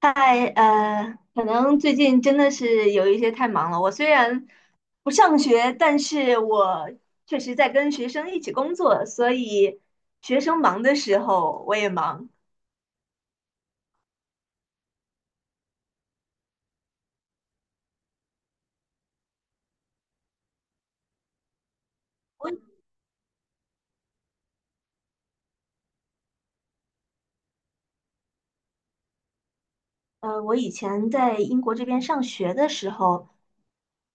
嗨，可能最近真的是有一些太忙了。我虽然不上学，但是我确实在跟学生一起工作，所以学生忙的时候我也忙。我我以前在英国这边上学的时候，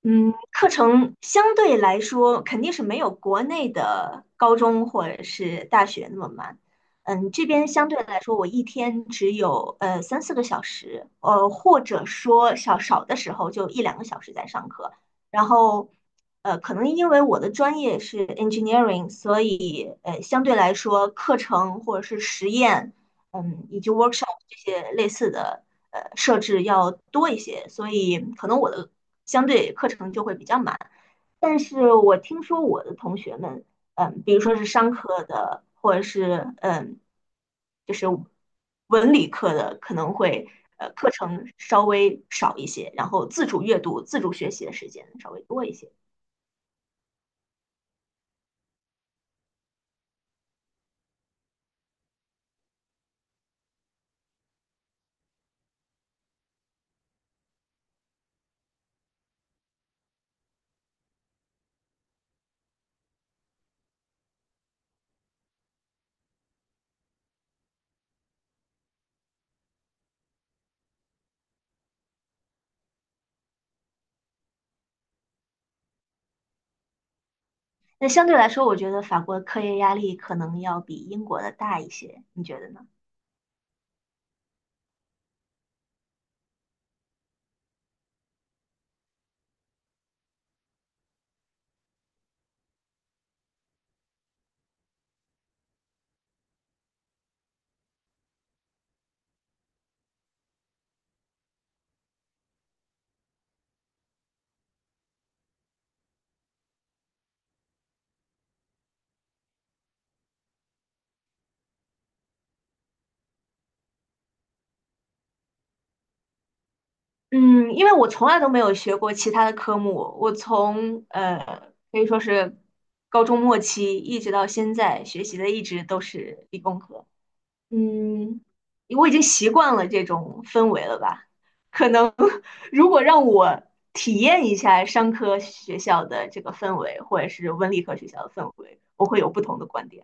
课程相对来说肯定是没有国内的高中或者是大学那么慢。这边相对来说，我一天只有3、4个小时，或者说少少的时候就1、2个小时在上课。然后，可能因为我的专业是 engineering，所以相对来说课程或者是实验。嗯，以及 workshop 这些类似的设置要多一些，所以可能我的相对课程就会比较满。但是我听说我的同学们，比如说是商科的，或者是就是文理科的，可能会课程稍微少一些，然后自主阅读、自主学习的时间稍微多一些。那相对来说，我觉得法国的课业压力可能要比英国的大一些，你觉得呢？嗯，因为我从来都没有学过其他的科目，我从可以说是高中末期一直到现在学习的一直都是理工科。嗯，我已经习惯了这种氛围了吧？可能 如果让我体验一下商科学校的这个氛围，或者是文理科学校的氛围，我会有不同的观点。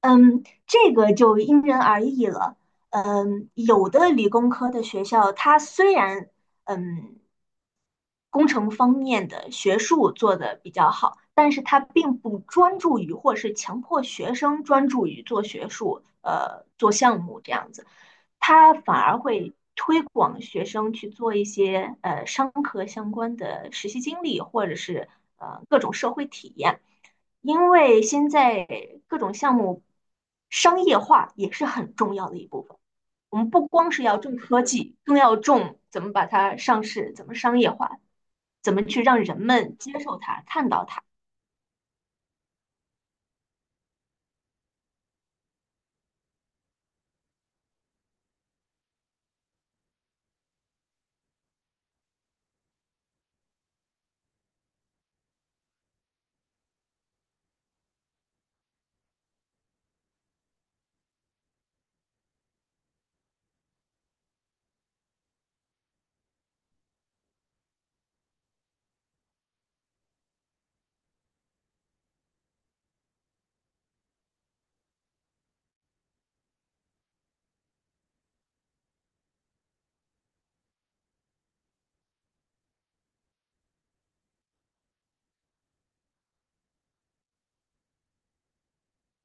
嗯，这个就因人而异了。嗯，有的理工科的学校，它虽然嗯工程方面的学术做得比较好，但是他并不专注于，或是强迫学生专注于做学术，做项目这样子，他反而会推广学生去做一些商科相关的实习经历，或者是各种社会体验，因为现在各种项目商业化也是很重要的一部分。我们不光是要重科技，更要重怎么把它上市，怎么商业化，怎么去让人们接受它、看到它。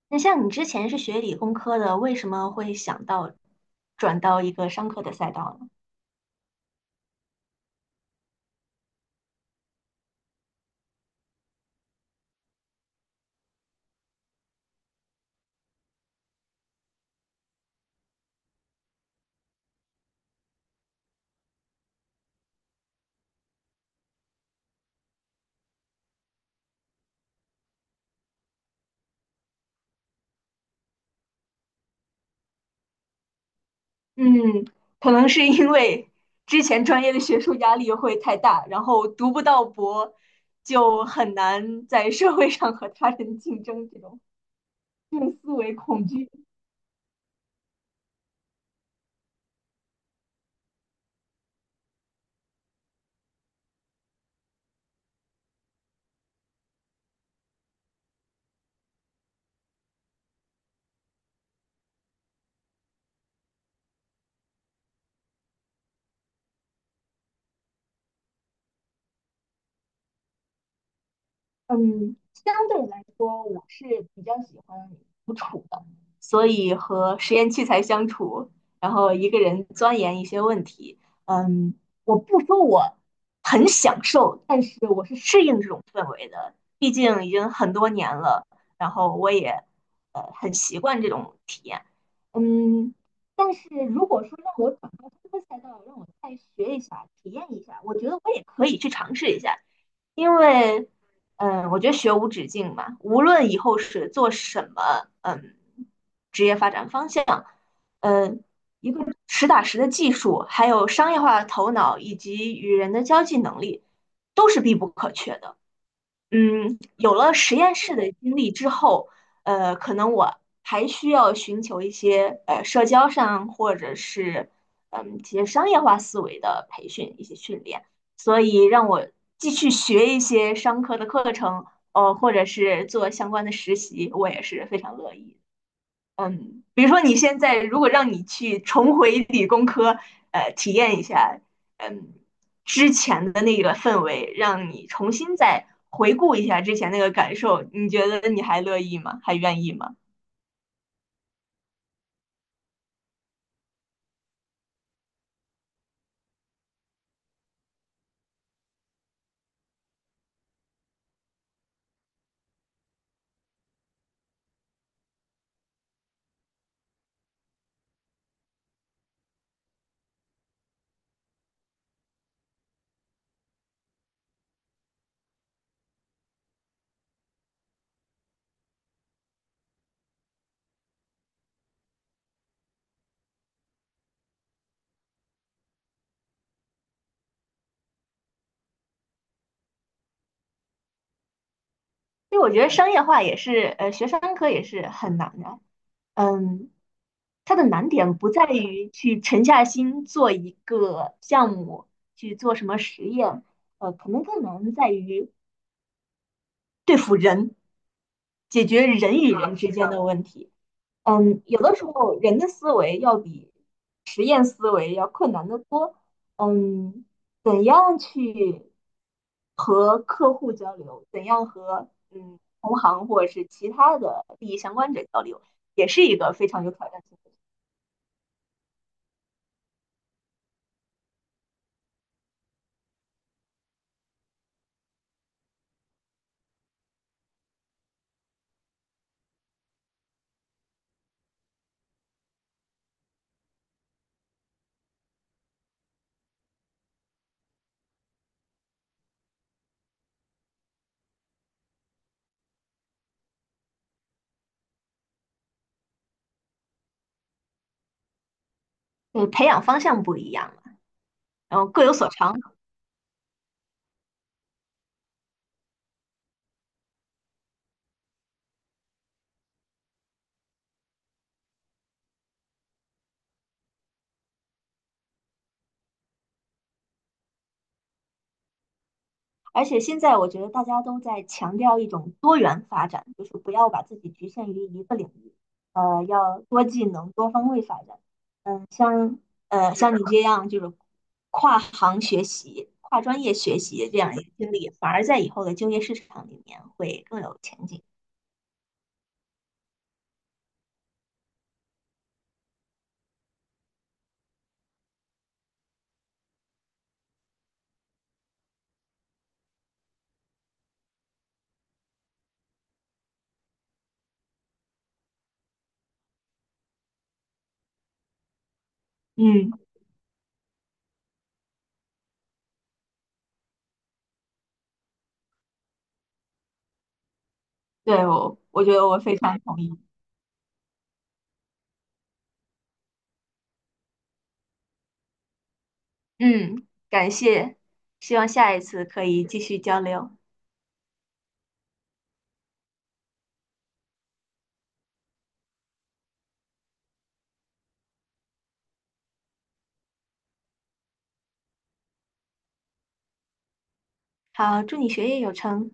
那像你之前是学理工科的，为什么会想到转到一个商科的赛道呢？嗯，可能是因为之前专业的学术压力会太大，然后读不到博，就很难在社会上和他人竞争，这种。用思维恐惧。嗯，相对来说，我是比较喜欢独处的，所以和实验器材相处，然后一个人钻研一些问题。嗯，我不说我很享受，但是我是适应这种氛围的，毕竟已经很多年了，然后我也很习惯这种体验。嗯，但是如果说让我转到这个赛道，让我再学一下、体验一下，我觉得我也可以去尝试一下。因为，嗯，我觉得学无止境嘛，无论以后是做什么，嗯，职业发展方向，嗯，一个实打实的技术，还有商业化的头脑以及与人的交际能力，都是必不可缺的。嗯，有了实验室的经历之后，可能我还需要寻求一些社交上或者是一些商业化思维的培训，一些训练。所以让我继续学一些商科的课程，或者是做相关的实习，我也是非常乐意的。嗯，比如说你现在如果让你去重回理工科，体验一下，嗯，之前的那个氛围，让你重新再回顾一下之前那个感受，你觉得你还乐意吗？还愿意吗？因为我觉得商业化也是，学商科也是很难的。嗯，它的难点不在于去沉下心做一个项目，去做什么实验，可能更难在于对付人，解决人与人之间的问题。嗯，有的时候人的思维要比实验思维要困难得多。嗯，怎样去和客户交流，怎样和同行或者是其他的利益相关者交流，也是一个非常有挑战性的。嗯，培养方向不一样了，然后各有所长。而且现在我觉得大家都在强调一种多元发展，就是不要把自己局限于一个领域，要多技能、多方位发展。嗯，像像你这样就是跨行学习、跨专业学习这样一个经历，反而在以后的就业市场里面会更有前景。嗯，对，我觉得我非常同意。嗯，感谢，希望下一次可以继续交流。好，祝你学业有成。